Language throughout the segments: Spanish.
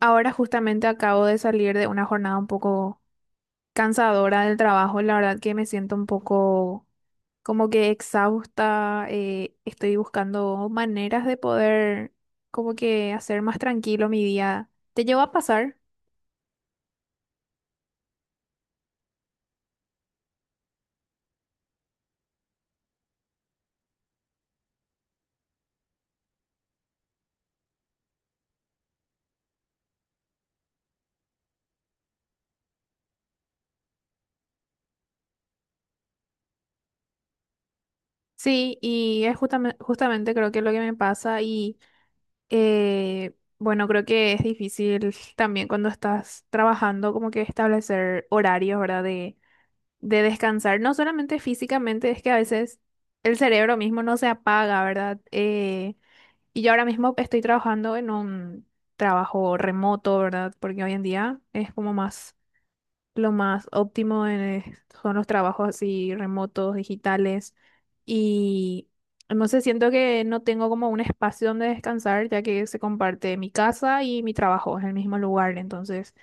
Ahora justamente acabo de salir de una jornada un poco cansadora del trabajo. La verdad que me siento un poco como que exhausta. Estoy buscando maneras de poder como que hacer más tranquilo mi día. ¿Te llevo a pasar? Sí, y es justamente creo que es lo que me pasa y bueno, creo que es difícil también cuando estás trabajando como que establecer horarios, ¿verdad? De descansar, no solamente físicamente, es que a veces el cerebro mismo no se apaga, ¿verdad? Y yo ahora mismo estoy trabajando en un trabajo remoto, ¿verdad? Porque hoy en día es como más, lo más óptimo en, son los trabajos así remotos, digitales. Y no sé, siento que no tengo como un espacio donde descansar, ya que se comparte mi casa y mi trabajo en el mismo lugar. Entonces,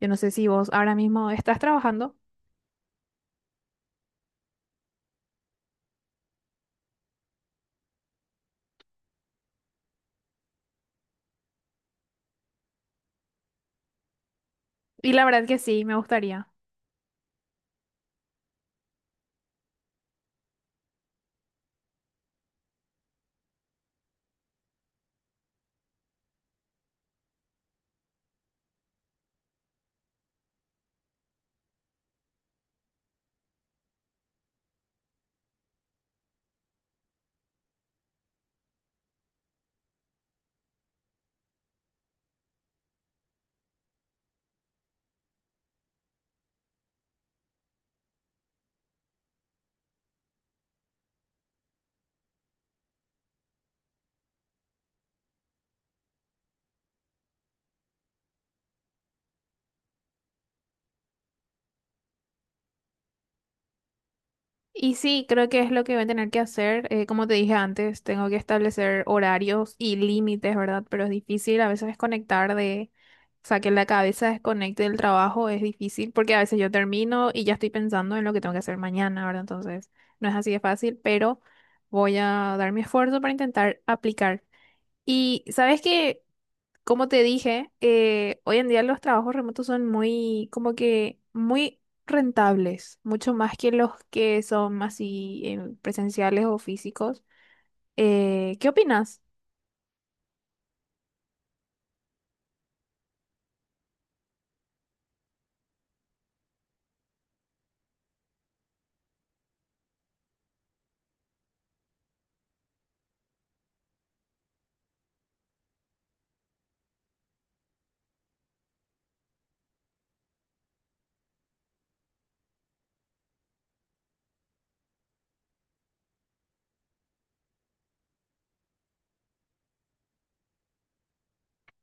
yo no sé si vos ahora mismo estás trabajando. Y la verdad que sí, me gustaría. Y sí, creo que es lo que voy a tener que hacer. Como te dije antes, tengo que establecer horarios y límites, ¿verdad? Pero es difícil a veces desconectar de, o sea, que la cabeza desconecte del trabajo es difícil porque a veces yo termino y ya estoy pensando en lo que tengo que hacer mañana, ¿verdad? Entonces, no es así de fácil, pero voy a dar mi esfuerzo para intentar aplicar. Y sabes que como te dije, hoy en día los trabajos remotos son muy, como que muy rentables, mucho más que los que son así presenciales o físicos. ¿Qué opinas?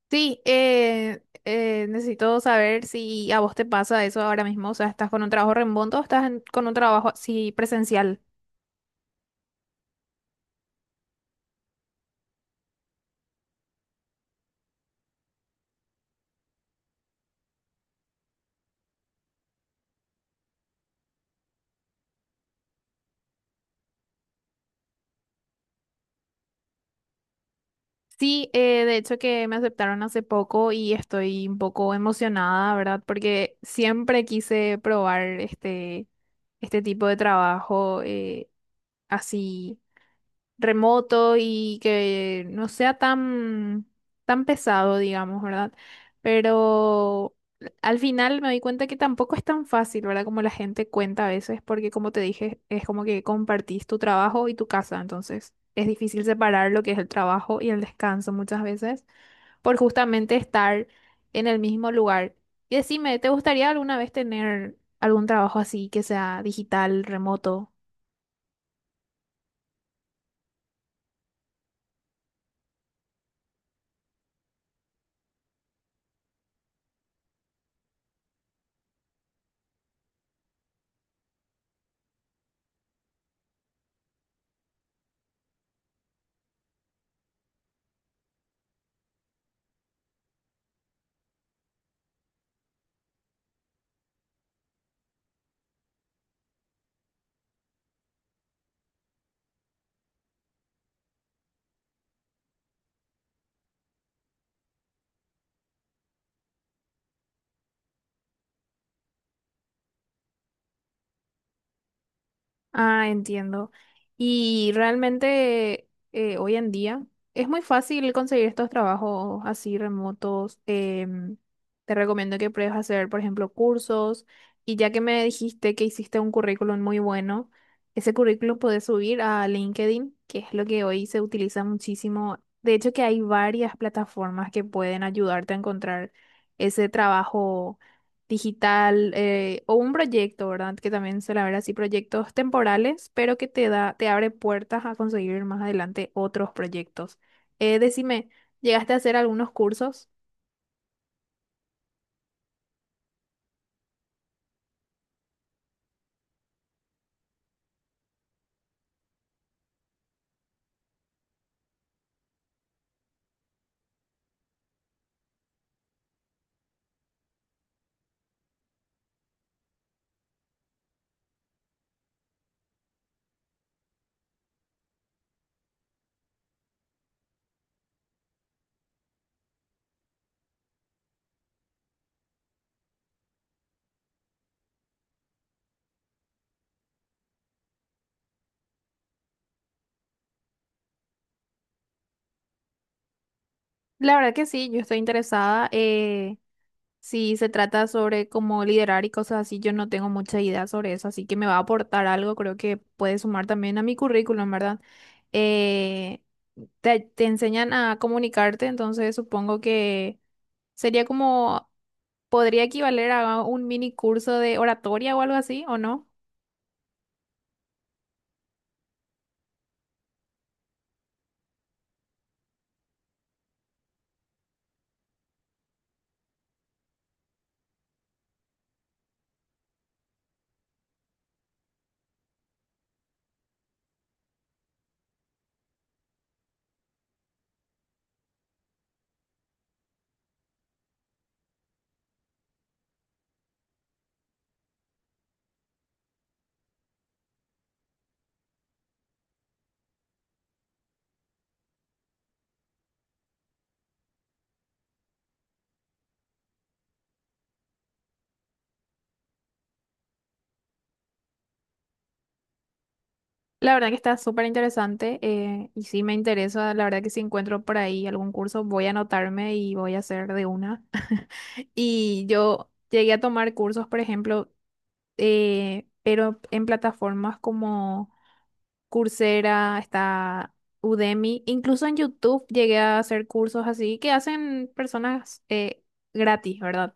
Sí, necesito saber si a vos te pasa eso ahora mismo, o sea, ¿estás con un trabajo remoto o estás con un trabajo así presencial? Sí, de hecho que me aceptaron hace poco y estoy un poco emocionada, ¿verdad? Porque siempre quise probar este tipo de trabajo así remoto y que no sea tan, tan pesado, digamos, ¿verdad? Pero al final me di cuenta que tampoco es tan fácil, ¿verdad? Como la gente cuenta a veces, porque como te dije, es como que compartís tu trabajo y tu casa, entonces es difícil separar lo que es el trabajo y el descanso muchas veces, por justamente estar en el mismo lugar. Y decime, ¿te gustaría alguna vez tener algún trabajo así que sea digital, remoto? Ah, entiendo. Y realmente hoy en día es muy fácil conseguir estos trabajos así remotos. Te recomiendo que pruebes a hacer, por ejemplo, cursos. Y ya que me dijiste que hiciste un currículum muy bueno, ese currículum puedes subir a LinkedIn, que es lo que hoy se utiliza muchísimo. De hecho, que hay varias plataformas que pueden ayudarte a encontrar ese trabajo digital o un proyecto, ¿verdad? Que también suele haber así proyectos temporales, pero que te da, te abre puertas a conseguir más adelante otros proyectos. Decime, ¿llegaste a hacer algunos cursos? La verdad que sí, yo estoy interesada. Si se trata sobre cómo liderar y cosas así, yo no tengo mucha idea sobre eso, así que me va a aportar algo, creo que puede sumar también a mi currículum, ¿verdad? Eh, te enseñan a comunicarte, entonces supongo que sería como podría equivaler a un mini curso de oratoria o algo así, ¿o no? La verdad que está súper interesante y sí me interesa, la verdad que si encuentro por ahí algún curso voy a anotarme y voy a hacer de una. Y yo llegué a tomar cursos, por ejemplo, pero en plataformas como Coursera, está Udemy, incluso en YouTube llegué a hacer cursos así que hacen personas gratis, ¿verdad?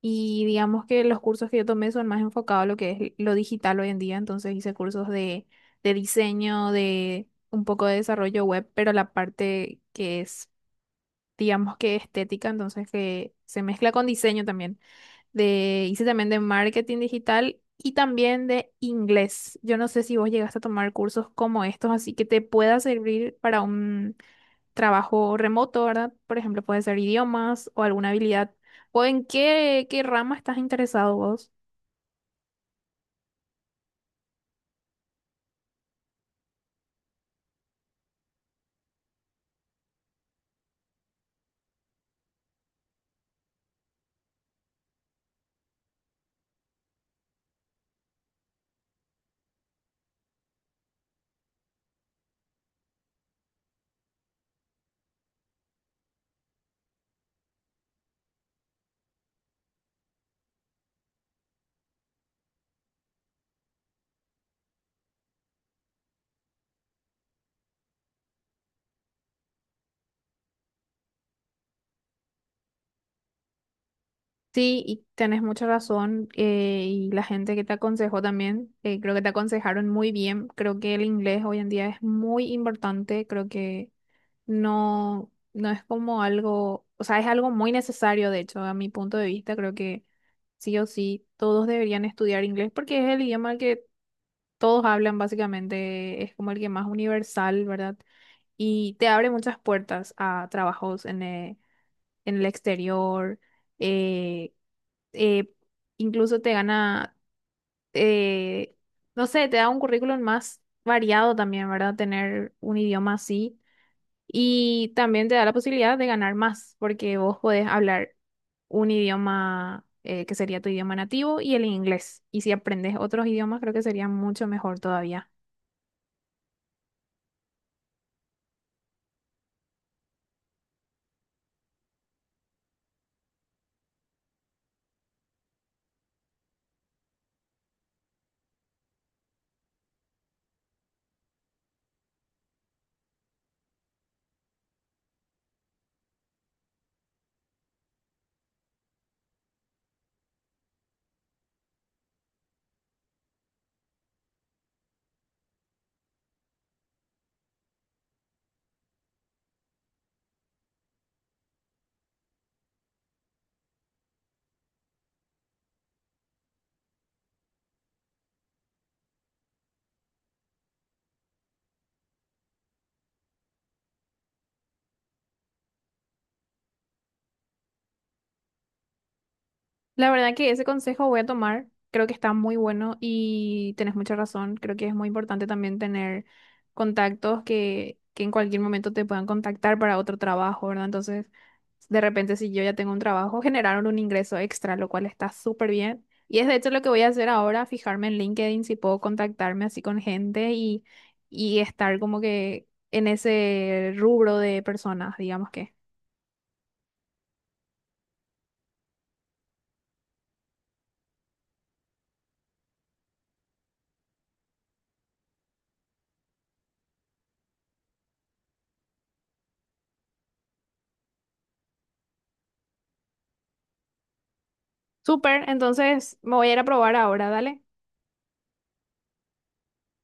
Y digamos que los cursos que yo tomé son más enfocados a lo que es lo digital hoy en día. Entonces hice cursos de diseño, de un poco de desarrollo web, pero la parte que es, digamos que estética, entonces que se mezcla con diseño también. De, hice también de marketing digital y también de inglés. Yo no sé si vos llegaste a tomar cursos como estos, así que te pueda servir para un trabajo remoto, ¿verdad? Por ejemplo, puede ser idiomas o alguna habilidad. ¿O en qué rama estás interesado vos? Sí, y tenés mucha razón. Y la gente que te aconsejó también, creo que te aconsejaron muy bien. Creo que el inglés hoy en día es muy importante. Creo que no, no es como algo, o sea, es algo muy necesario, de hecho, a mi punto de vista. Creo que sí o sí, todos deberían estudiar inglés porque es el idioma que todos hablan básicamente, es como el que más universal, ¿verdad? Y te abre muchas puertas a trabajos en el exterior, eh, eh, incluso te gana, eh, no sé, te da un currículum más variado también, ¿verdad? Tener un idioma así y también te da la posibilidad de ganar más porque vos podés hablar un idioma que sería tu idioma nativo y el inglés. Y si aprendes otros idiomas, creo que sería mucho mejor todavía. La verdad que ese consejo voy a tomar, creo que está muy bueno y tenés mucha razón, creo que es muy importante también tener contactos que en cualquier momento te puedan contactar para otro trabajo, ¿verdad? Entonces, de repente si yo ya tengo un trabajo, generaron un ingreso extra, lo cual está súper bien. Y es de hecho lo que voy a hacer ahora, fijarme en LinkedIn si puedo contactarme así con gente y estar como que en ese rubro de personas, digamos que. Súper, entonces me voy a ir a probar ahora, dale.